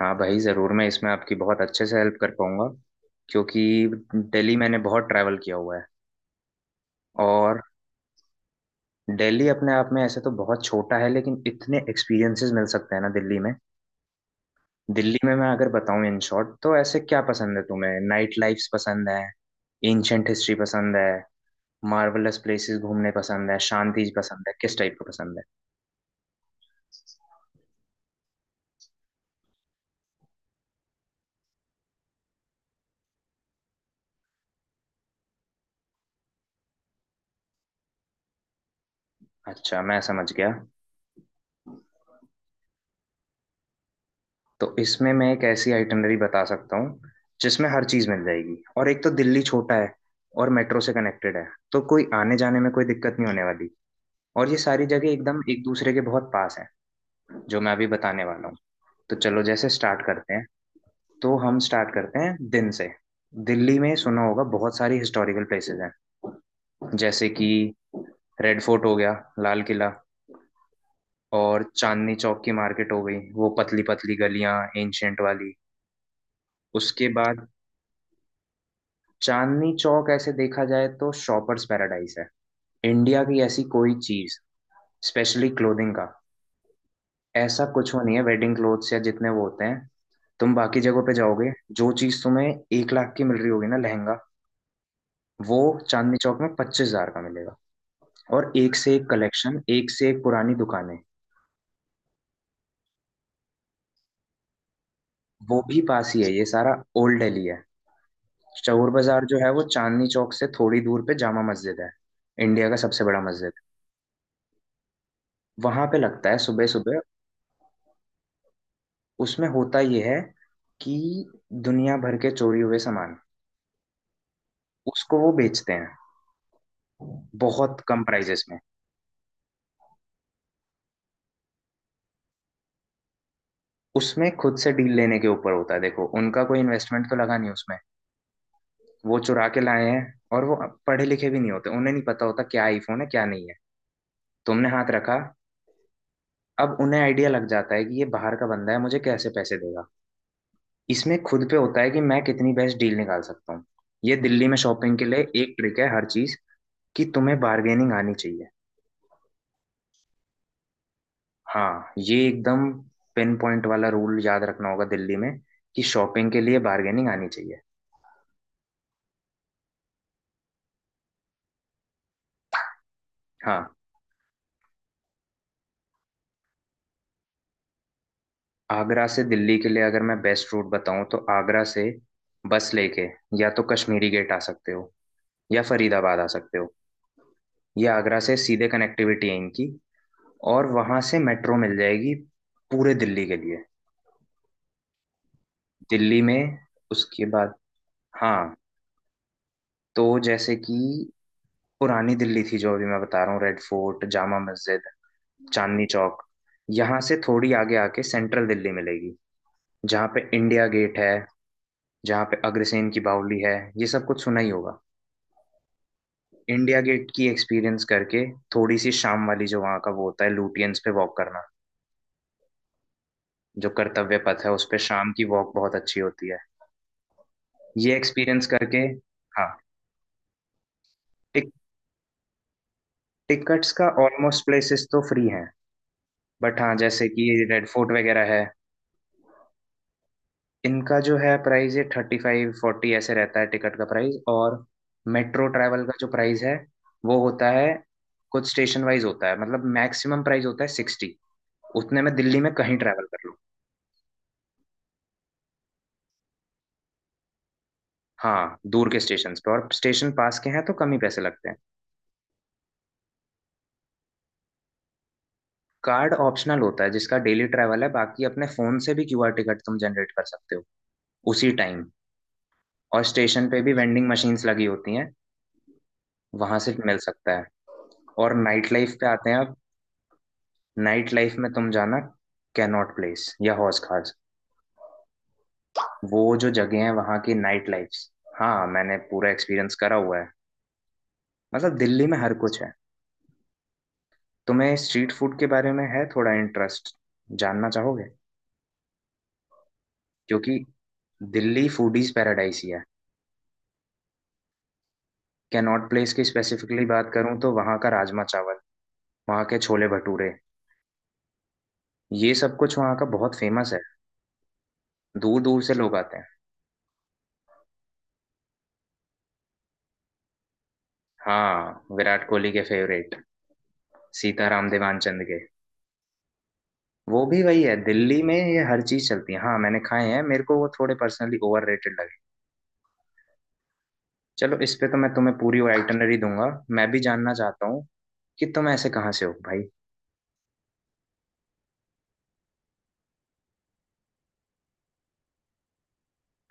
हाँ भाई ज़रूर। मैं इसमें आपकी बहुत अच्छे से हेल्प कर पाऊंगा क्योंकि दिल्ली मैंने बहुत ट्रैवल किया हुआ है। और दिल्ली अपने आप में ऐसे तो बहुत छोटा है, लेकिन इतने एक्सपीरियंसेस मिल सकते हैं ना दिल्ली में मैं अगर बताऊं इन शॉर्ट, तो ऐसे क्या पसंद है तुम्हें? नाइट लाइफ्स पसंद है? एंशंट हिस्ट्री पसंद है? मार्वलस प्लेसेस घूमने पसंद है? शांति पसंद है? किस टाइप का पसंद है? अच्छा, मैं समझ गया। तो इसमें मैं एक ऐसी आइटनरी बता सकता हूँ जिसमें हर चीज़ मिल जाएगी। और एक तो दिल्ली छोटा है और मेट्रो से कनेक्टेड है, तो कोई आने जाने में कोई दिक्कत नहीं होने वाली। और ये सारी जगह एकदम एक दूसरे के बहुत पास है जो मैं अभी बताने वाला हूँ। तो चलो, जैसे स्टार्ट करते हैं। तो हम स्टार्ट करते हैं दिन से। दिल्ली में सुना होगा बहुत सारी हिस्टोरिकल प्लेसेस हैं। जैसे कि रेड फोर्ट हो गया, लाल किला, और चांदनी चौक की मार्केट हो गई, वो पतली पतली गलियां एंशियंट वाली। उसके बाद चांदनी चौक, ऐसे देखा जाए तो शॉपर्स पैराडाइज है। इंडिया की ऐसी कोई चीज, स्पेशली क्लोथिंग का ऐसा कुछ वो नहीं है। वेडिंग क्लोथ्स या जितने वो होते हैं, तुम बाकी जगहों पे जाओगे, जो चीज तुम्हें 1 लाख की मिल रही होगी ना लहंगा, वो चांदनी चौक में 25 हजार का मिलेगा। और एक से एक कलेक्शन, एक से एक पुरानी दुकानें। वो भी पास ही है ये सारा, ओल्ड दिल्ली है। चौर बाजार जो है वो चांदनी चौक से थोड़ी दूर पे, जामा मस्जिद है, इंडिया का सबसे बड़ा मस्जिद, वहां पे लगता है सुबह सुबह। उसमें होता ये है कि दुनिया भर के चोरी हुए सामान उसको वो बेचते हैं बहुत कम प्राइजेस में। उसमें खुद से डील लेने के ऊपर होता है। देखो, उनका कोई इन्वेस्टमेंट तो लगा नहीं उसमें, वो चुरा के लाए हैं। और वो पढ़े लिखे भी नहीं होते, उन्हें नहीं पता होता क्या आईफोन है क्या नहीं है। तुमने हाथ रखा, अब उन्हें आइडिया लग जाता है कि ये बाहर का बंदा है, मुझे कैसे पैसे देगा। इसमें खुद पे होता है कि मैं कितनी बेस्ट डील निकाल सकता हूँ। ये दिल्ली में शॉपिंग के लिए एक ट्रिक है हर चीज, कि तुम्हें बार्गेनिंग आनी चाहिए। हाँ, ये एकदम पिन पॉइंट वाला रूल याद रखना होगा दिल्ली में, कि शॉपिंग के लिए बार्गेनिंग आनी चाहिए। हाँ, आगरा से दिल्ली के लिए अगर मैं बेस्ट रूट बताऊं तो आगरा से बस लेके या तो कश्मीरी गेट आ सकते हो, या फरीदाबाद आ सकते हो। ये आगरा से सीधे कनेक्टिविटी है इनकी, और वहां से मेट्रो मिल जाएगी पूरे दिल्ली के लिए। दिल्ली में उसके बाद, हाँ, तो जैसे कि पुरानी दिल्ली थी जो अभी मैं बता रहा हूँ, रेड फोर्ट, जामा मस्जिद, चांदनी चौक। यहाँ से थोड़ी आगे आके सेंट्रल दिल्ली मिलेगी, जहाँ पे इंडिया गेट है, जहाँ पे अग्रसेन की बावली है। ये सब कुछ सुना ही होगा। इंडिया गेट की एक्सपीरियंस करके, थोड़ी सी शाम वाली जो वहाँ का वो होता है, लुटियंस पे वॉक करना, जो कर्तव्य पथ है उस पे शाम की वॉक बहुत अच्छी होती है। ये एक्सपीरियंस करके, हाँ, टिक, टिकट्स का ऑलमोस्ट प्लेसेस तो फ्री हैं। बट हाँ, जैसे कि रेड फोर्ट वगैरह है, इनका जो है प्राइस, ये 35-40 ऐसे रहता है टिकट का प्राइस। और मेट्रो ट्रैवल का जो प्राइस है वो होता है कुछ स्टेशन वाइज होता है, मतलब मैक्सिमम प्राइस होता है 60, उतने में दिल्ली में कहीं ट्रैवल कर लो। हाँ, दूर के स्टेशन पे, और स्टेशन पास के हैं तो कम ही पैसे लगते हैं। कार्ड ऑप्शनल होता है जिसका डेली ट्रैवल है, बाकी अपने फोन से भी क्यूआर टिकट तुम जनरेट कर सकते हो उसी टाइम। और स्टेशन पे भी वेंडिंग मशीन्स लगी होती हैं, वहां से मिल सकता है। और नाइट लाइफ पे आते हैं अब। नाइट लाइफ में तुम जाना कैनॉट प्लेस या हौज खास, वो जो जगह है वहाँ की नाइट लाइफ। हाँ, मैंने पूरा एक्सपीरियंस करा हुआ है। मतलब दिल्ली में हर कुछ है। तुम्हें स्ट्रीट फूड के बारे में है थोड़ा इंटरेस्ट? जानना चाहोगे? क्योंकि दिल्ली फूडीज पैराडाइस ही है। कैनॉट प्लेस की स्पेसिफिकली बात करूँ तो वहाँ का राजमा चावल, वहाँ के छोले भटूरे, ये सब कुछ वहाँ का बहुत फेमस है, दूर दूर से लोग आते हैं। हाँ, विराट कोहली के फेवरेट सीताराम देवानचंद के, वो भी वही है। दिल्ली में ये हर चीज चलती है। हाँ, मैंने खाए हैं, मेरे को वो थोड़े पर्सनली ओवररेटेड लगे। चलो, इस पे तो मैं तुम्हें पूरी आइटनरी दूंगा। मैं भी जानना चाहता हूँ कि तुम ऐसे कहाँ से हो भाई।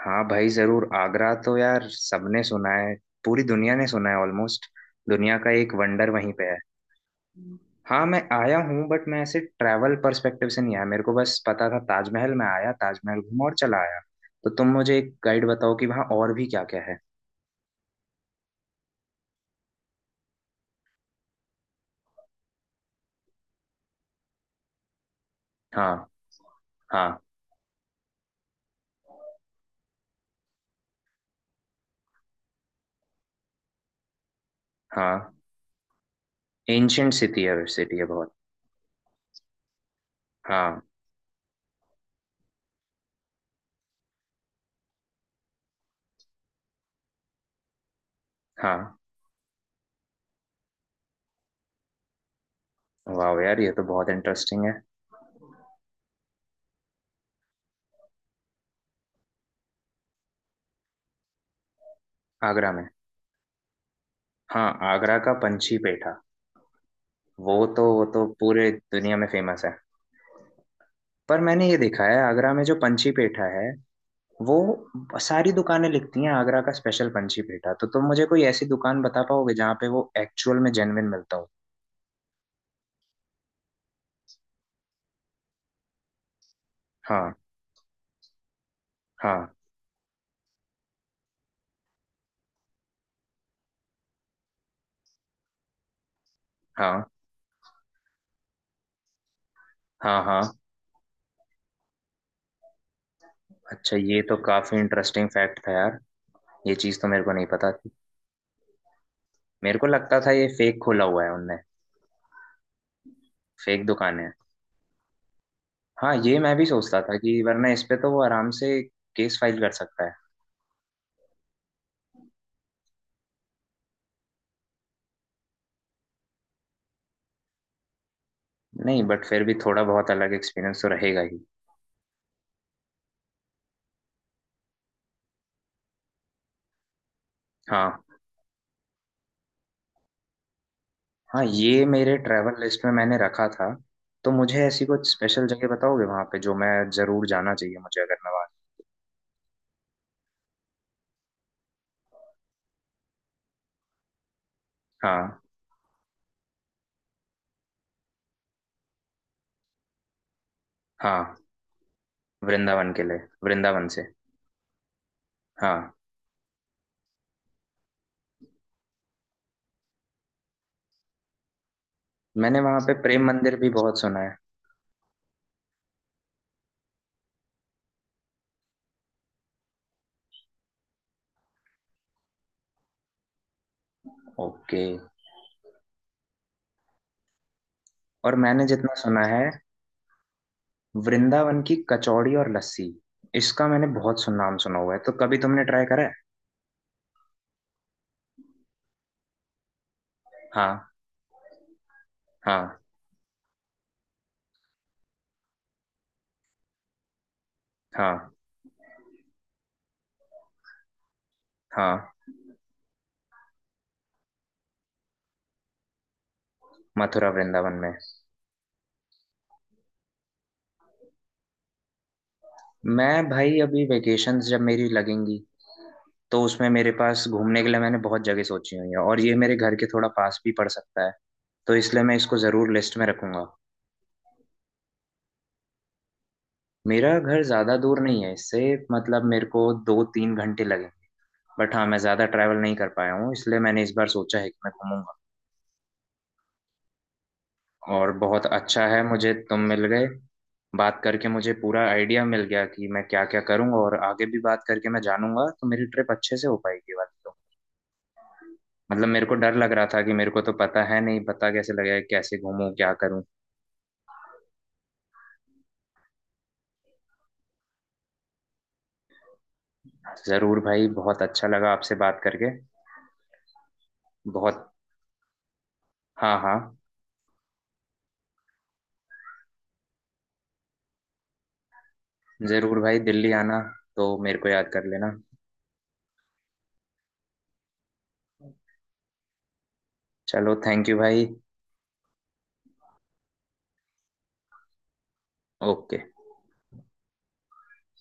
हाँ भाई जरूर आगरा तो यार सबने सुना है, पूरी दुनिया ने सुना है ऑलमोस्ट। दुनिया का एक वंडर वहीं पे है। हाँ, मैं आया हूँ, बट मैं ऐसे ट्रैवल पर्सपेक्टिव से नहीं आया। मेरे को बस पता था ताजमहल, में आया, ताजमहल घूमा और चला आया। तो तुम मुझे एक गाइड बताओ कि वहाँ और भी क्या क्या है। हाँ। हाँ। हाँ, एंशंट सिटी है, सिटी है बहुत। हाँ। हाँ। वाह यार, ये तो बहुत इंटरेस्टिंग है। आगरा में, हाँ, आगरा का पंछी पेठा, वो तो पूरे दुनिया में फेमस है। पर मैंने ये देखा है, आगरा में जो पंछी पेठा है, वो सारी दुकानें लिखती हैं आगरा का स्पेशल पंछी पेठा। तो तुम मुझे कोई ऐसी दुकान बता पाओगे जहाँ पे वो एक्चुअल में जेन्युइन मिलता हो? हाँ। हाँ। हाँ। हाँ। हाँ। अच्छा, ये तो काफी इंटरेस्टिंग फैक्ट था यार। ये चीज तो मेरे को नहीं पता थी। मेरे को लगता था ये फेक खोला हुआ है उनने, फेक दुकान है। हाँ, ये मैं भी सोचता था कि वरना इस पे तो वो आराम से केस फाइल कर सकता है। नहीं, बट फिर भी थोड़ा बहुत अलग एक्सपीरियंस तो रहेगा ही। हाँ। हाँ, ये मेरे ट्रैवल लिस्ट में मैंने रखा था। तो मुझे ऐसी कुछ स्पेशल जगह बताओगे वहाँ पे जो मैं जरूर जाना चाहिए मुझे अगर मैं वहाँ। हाँ। हाँ, वृंदावन के लिए, वृंदावन से। हाँ, मैंने वहाँ पे प्रेम मंदिर भी बहुत सुना है। ओके। और मैंने जितना सुना है वृंदावन की कचौड़ी और लस्सी, इसका मैंने बहुत सुन नाम सुना हुआ है। तो कभी तुमने ट्राई करा है? हाँ। हाँ। हाँ। हाँ, मथुरा वृंदावन में। मैं भाई अभी वेकेशंस जब मेरी लगेंगी, तो उसमें मेरे पास घूमने के लिए मैंने बहुत जगह सोची हुई है, और ये मेरे घर के थोड़ा पास भी पड़ सकता है। तो इसलिए मैं इसको ज़रूर लिस्ट में रखूंगा। मेरा घर ज़्यादा दूर नहीं है इससे। मतलब मेरे को 2-3 घंटे लगे। बट हाँ, मैं ज़्यादा ट्रैवल नहीं कर पाया हूँ, इसलिए मैंने इस बार सोचा है कि मैं घूमूंगा। और बहुत अच्छा है मुझे तुम मिल गए। बात करके मुझे पूरा आइडिया मिल गया कि मैं क्या क्या करूंगा, और आगे भी बात करके मैं जानूंगा तो मेरी ट्रिप अच्छे से हो पाएगी वाली तो। मतलब मेरे को डर लग रहा था कि मेरे को तो पता है नहीं, पता कैसे लगेगा, कैसे घूमूं, क्या करूं। जरूर भाई, बहुत अच्छा लगा आपसे बात करके। बहुत। हाँ हाँ। जरूर भाई, दिल्ली आना तो मेरे को याद कर लेना। चलो, थैंक यू भाई। ओके।